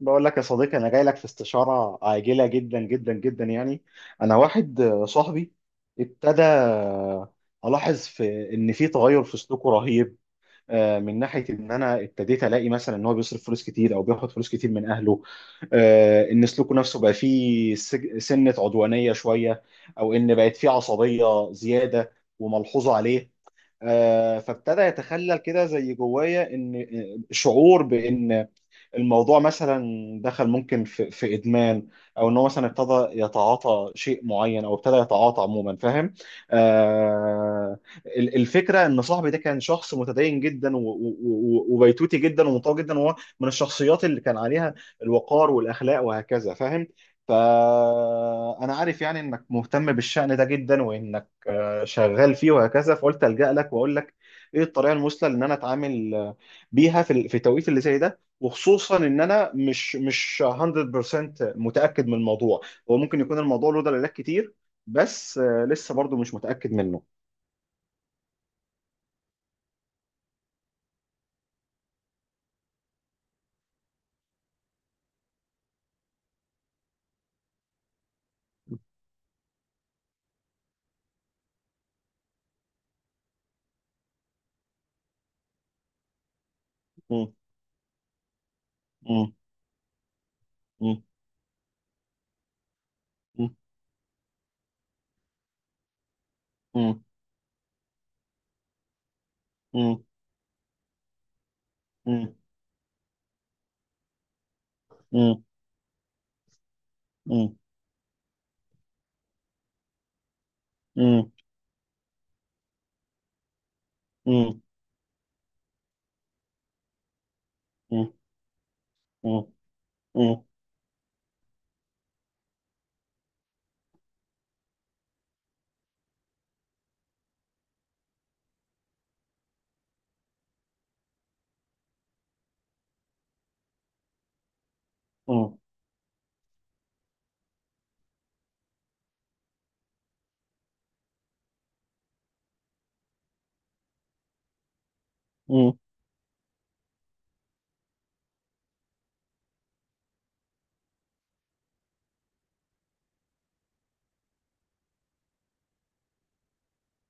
بقول لك يا صديقي، انا جاي لك في استشاره عاجله جدا جدا جدا، يعني انا واحد صاحبي ابتدى الاحظ في ان في تغير في سلوكه رهيب. من ناحيه ان انا ابتديت الاقي مثلا ان هو بيصرف فلوس كتير، او بياخد فلوس كتير من اهله. ان سلوكه نفسه بقى فيه سنه عدوانيه شويه، او ان بقت فيه عصبيه زياده وملحوظه عليه. فابتدى يتخلل كده زي جوايا ان شعور بان الموضوع مثلا دخل ممكن في ادمان، او ان هو مثلا ابتدى يتعاطى شيء معين، او ابتدى يتعاطى عموما فاهم. آه الفكره ان صاحبي ده كان شخص متدين جدا، وبيتوتي جدا، ومنطوي جدا، وهو من الشخصيات اللي كان عليها الوقار والاخلاق وهكذا فاهم. فأنا عارف يعني إنك مهتم بالشأن ده جدا، وإنك شغال فيه وهكذا، فقلت ألجأ لك وأقول لك إيه الطريقة المثلى إن أنا أتعامل بيها في التوقيت اللي زي ده، وخصوصا ان انا مش 100% متاكد من الموضوع. هو ممكن يكون الموضوع له دلالات كتير، بس لسه برضو مش متاكد منه. م-. م-. م-. م-. م-. م-. م-. م-. م-. م-. م-. م-. م-. م-. م-. م-.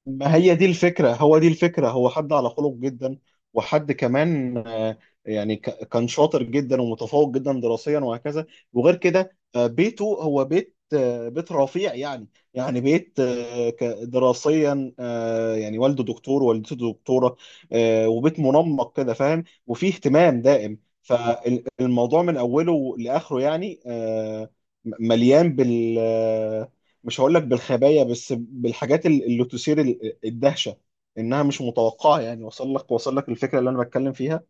ما هي دي الفكرة، هو دي الفكرة، هو حد على خلق جدا. وحد كمان، يعني كان شاطر جدا، ومتفوق جدا دراسيا وهكذا. وغير كده، بيته هو بيت رفيع يعني. يعني بيت، دراسيا، يعني والده دكتور، والدته دكتورة. وبيت منمق كده فاهم، وفيه اهتمام دائم. فالموضوع من أوله لآخره يعني، مليان بال آه، مش هقول لك بالخبايا، بس بالحاجات اللي تثير الدهشه، انها مش متوقعه، يعني وصل لك الفكره اللي انا بتكلم فيها.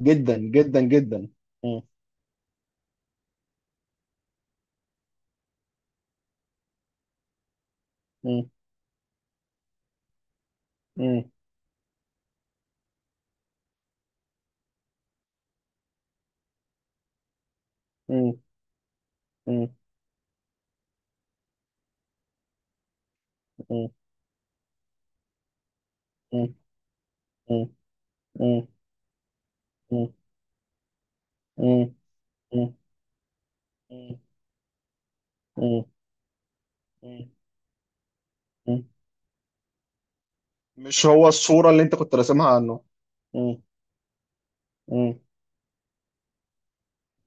جدا جدا جدا. م-. م-. م-. م-. م-. م-. م-. م-. م-. م-. م-. م-. م-. م-. م-. مش هو الصوره اللي انت كنت راسمها عنه. م-. م-.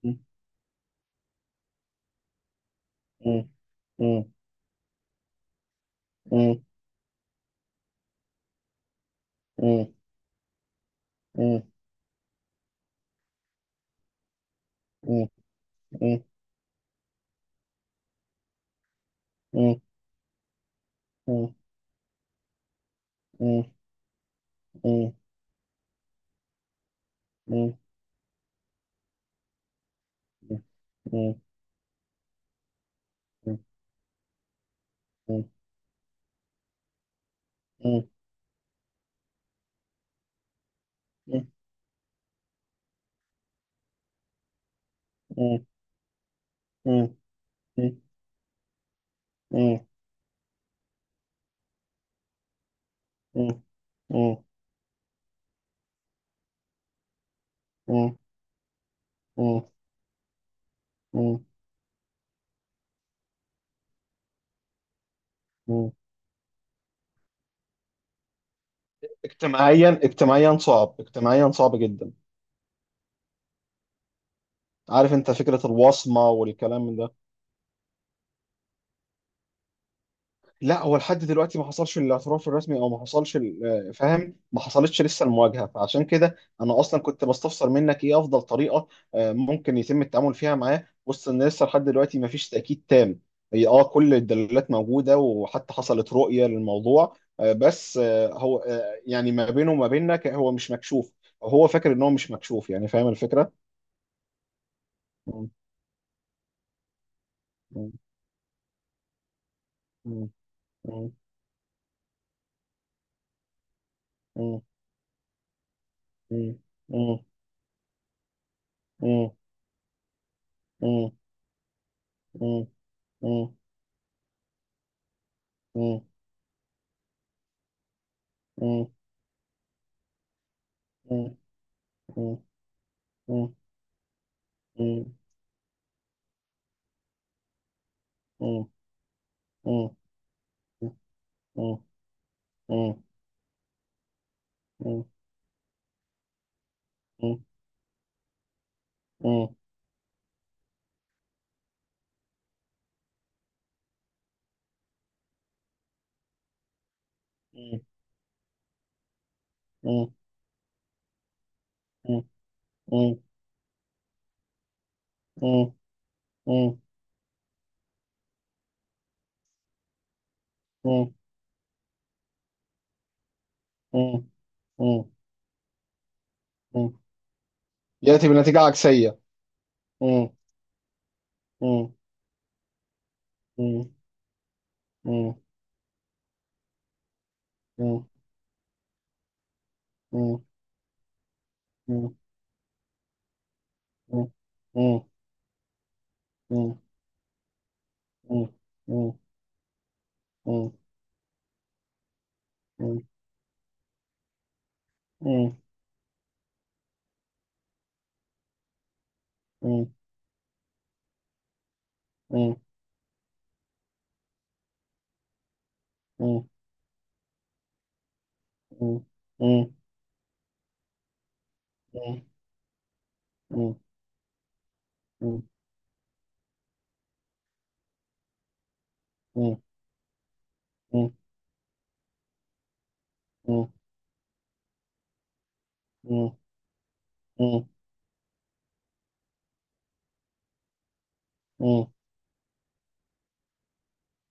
م-. م-. م-. م-. م-. م-. م-. م-. م-. م-. م-. م-. م-. اجتماعيا صعب، اجتماعيا صعب جدا. عارف انت فكرة الوصمة والكلام ده. لا، هو لحد دلوقتي ما حصلش الاعتراف الرسمي، او ما حصلش فاهم ما حصلتش لسه المواجهه، فعشان كده انا اصلا كنت بستفسر منك ايه افضل طريقه ممكن يتم التعامل فيها معاه، وسط ان لسه لحد دلوقتي ما فيش تاكيد تام. هي كل الدلالات موجوده، وحتى حصلت رؤيه للموضوع، بس هو، يعني ما بينه وما بيننا هو مش مكشوف، أو هو فاكر ان هو مش مكشوف، يعني فاهم الفكره؟ مم. مم. مم. مم. مم. مم. مم. مم. مم. مم. مم. مم. مم. مم. مم. مم. مم. مم. مم. مم. مم. مم. مم. مم. مم. مم. مم. مم. مم. مم. يأتي بنتيجة عكسية. مم. مم. مم. مم. مم. مم. مم. مم. مم. مم. مم. مم. مم. مم. مم. مم. مم. مم. مم. مم. مم. مم. مم. مم. مم. مم.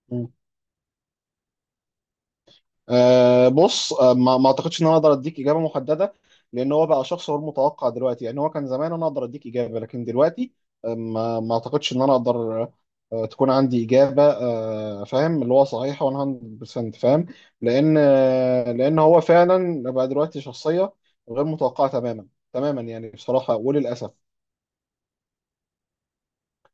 مم. بص، ما اعتقدش ان انا اقدر اديك اجابه محدده، لان هو بقى شخص غير متوقع دلوقتي، يعني هو كان زمان انا اقدر اديك اجابه، لكن دلوقتي ما اعتقدش ان انا اقدر تكون عندي اجابه، فاهم اللي هو صحيحه 100% فاهم. لان هو فعلا بقى دلوقتي شخصيه غير متوقعه تماما. تماما، يعني بصراحه وللاسف.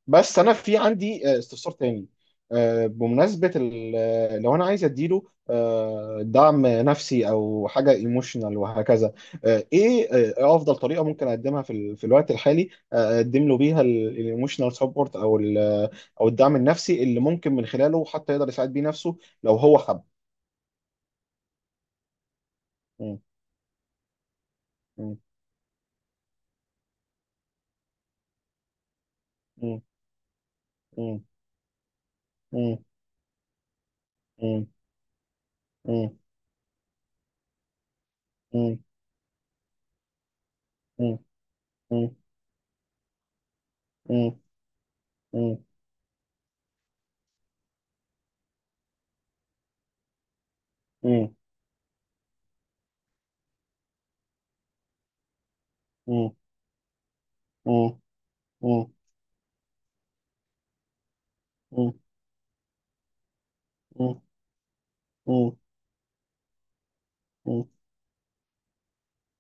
بس انا في عندي، استفسار تاني. بمناسبه لو انا عايز اديله دعم نفسي، او حاجه ايموشنال وهكذا، ايه افضل طريقه ممكن اقدمها في الوقت الحالي، اقدم له بيها الايموشنال سبورت، او ال- آه، او الدعم النفسي اللي ممكن من خلاله حتى يقدر يساعد بيه نفسه، لو هو حب. مم، مم، مم، مم، مم، مم، مم، مم، مم، مم، مم، مم، مم، مم، مم، مم، مم. مم. مم.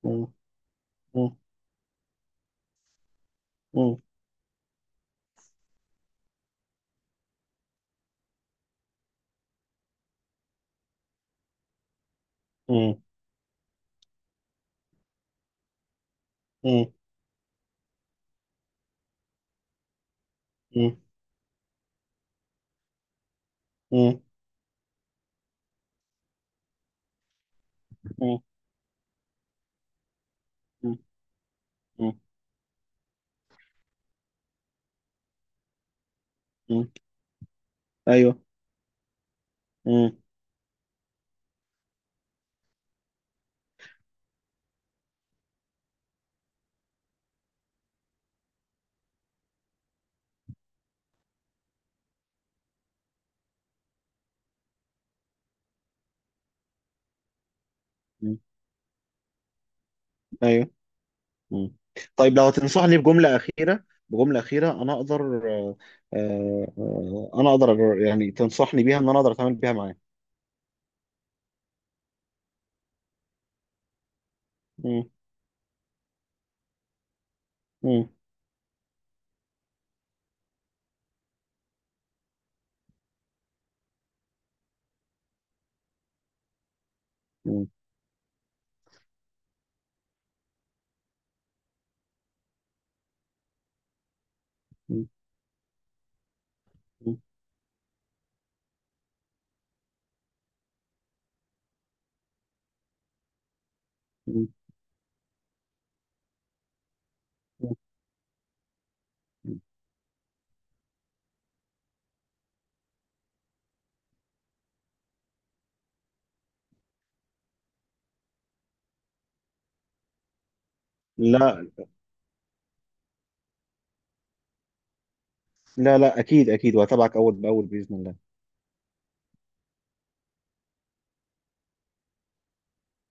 مم. مم. مم. مم. مم. مم. مم. مم. مم. مم. ايوه. مم. مم. ايوه. مم. طيب، لو هتنصحني بجمله اخيره انا اقدر آه، آه، آه، انا اقدر يعني تنصحني بيها ان انا اقدر اتعامل بيها معاه. مم. مم. مم. مم. مم. مم. لا، لا، لا، اكيد اكيد، وهتابعك اول باول باذن الله.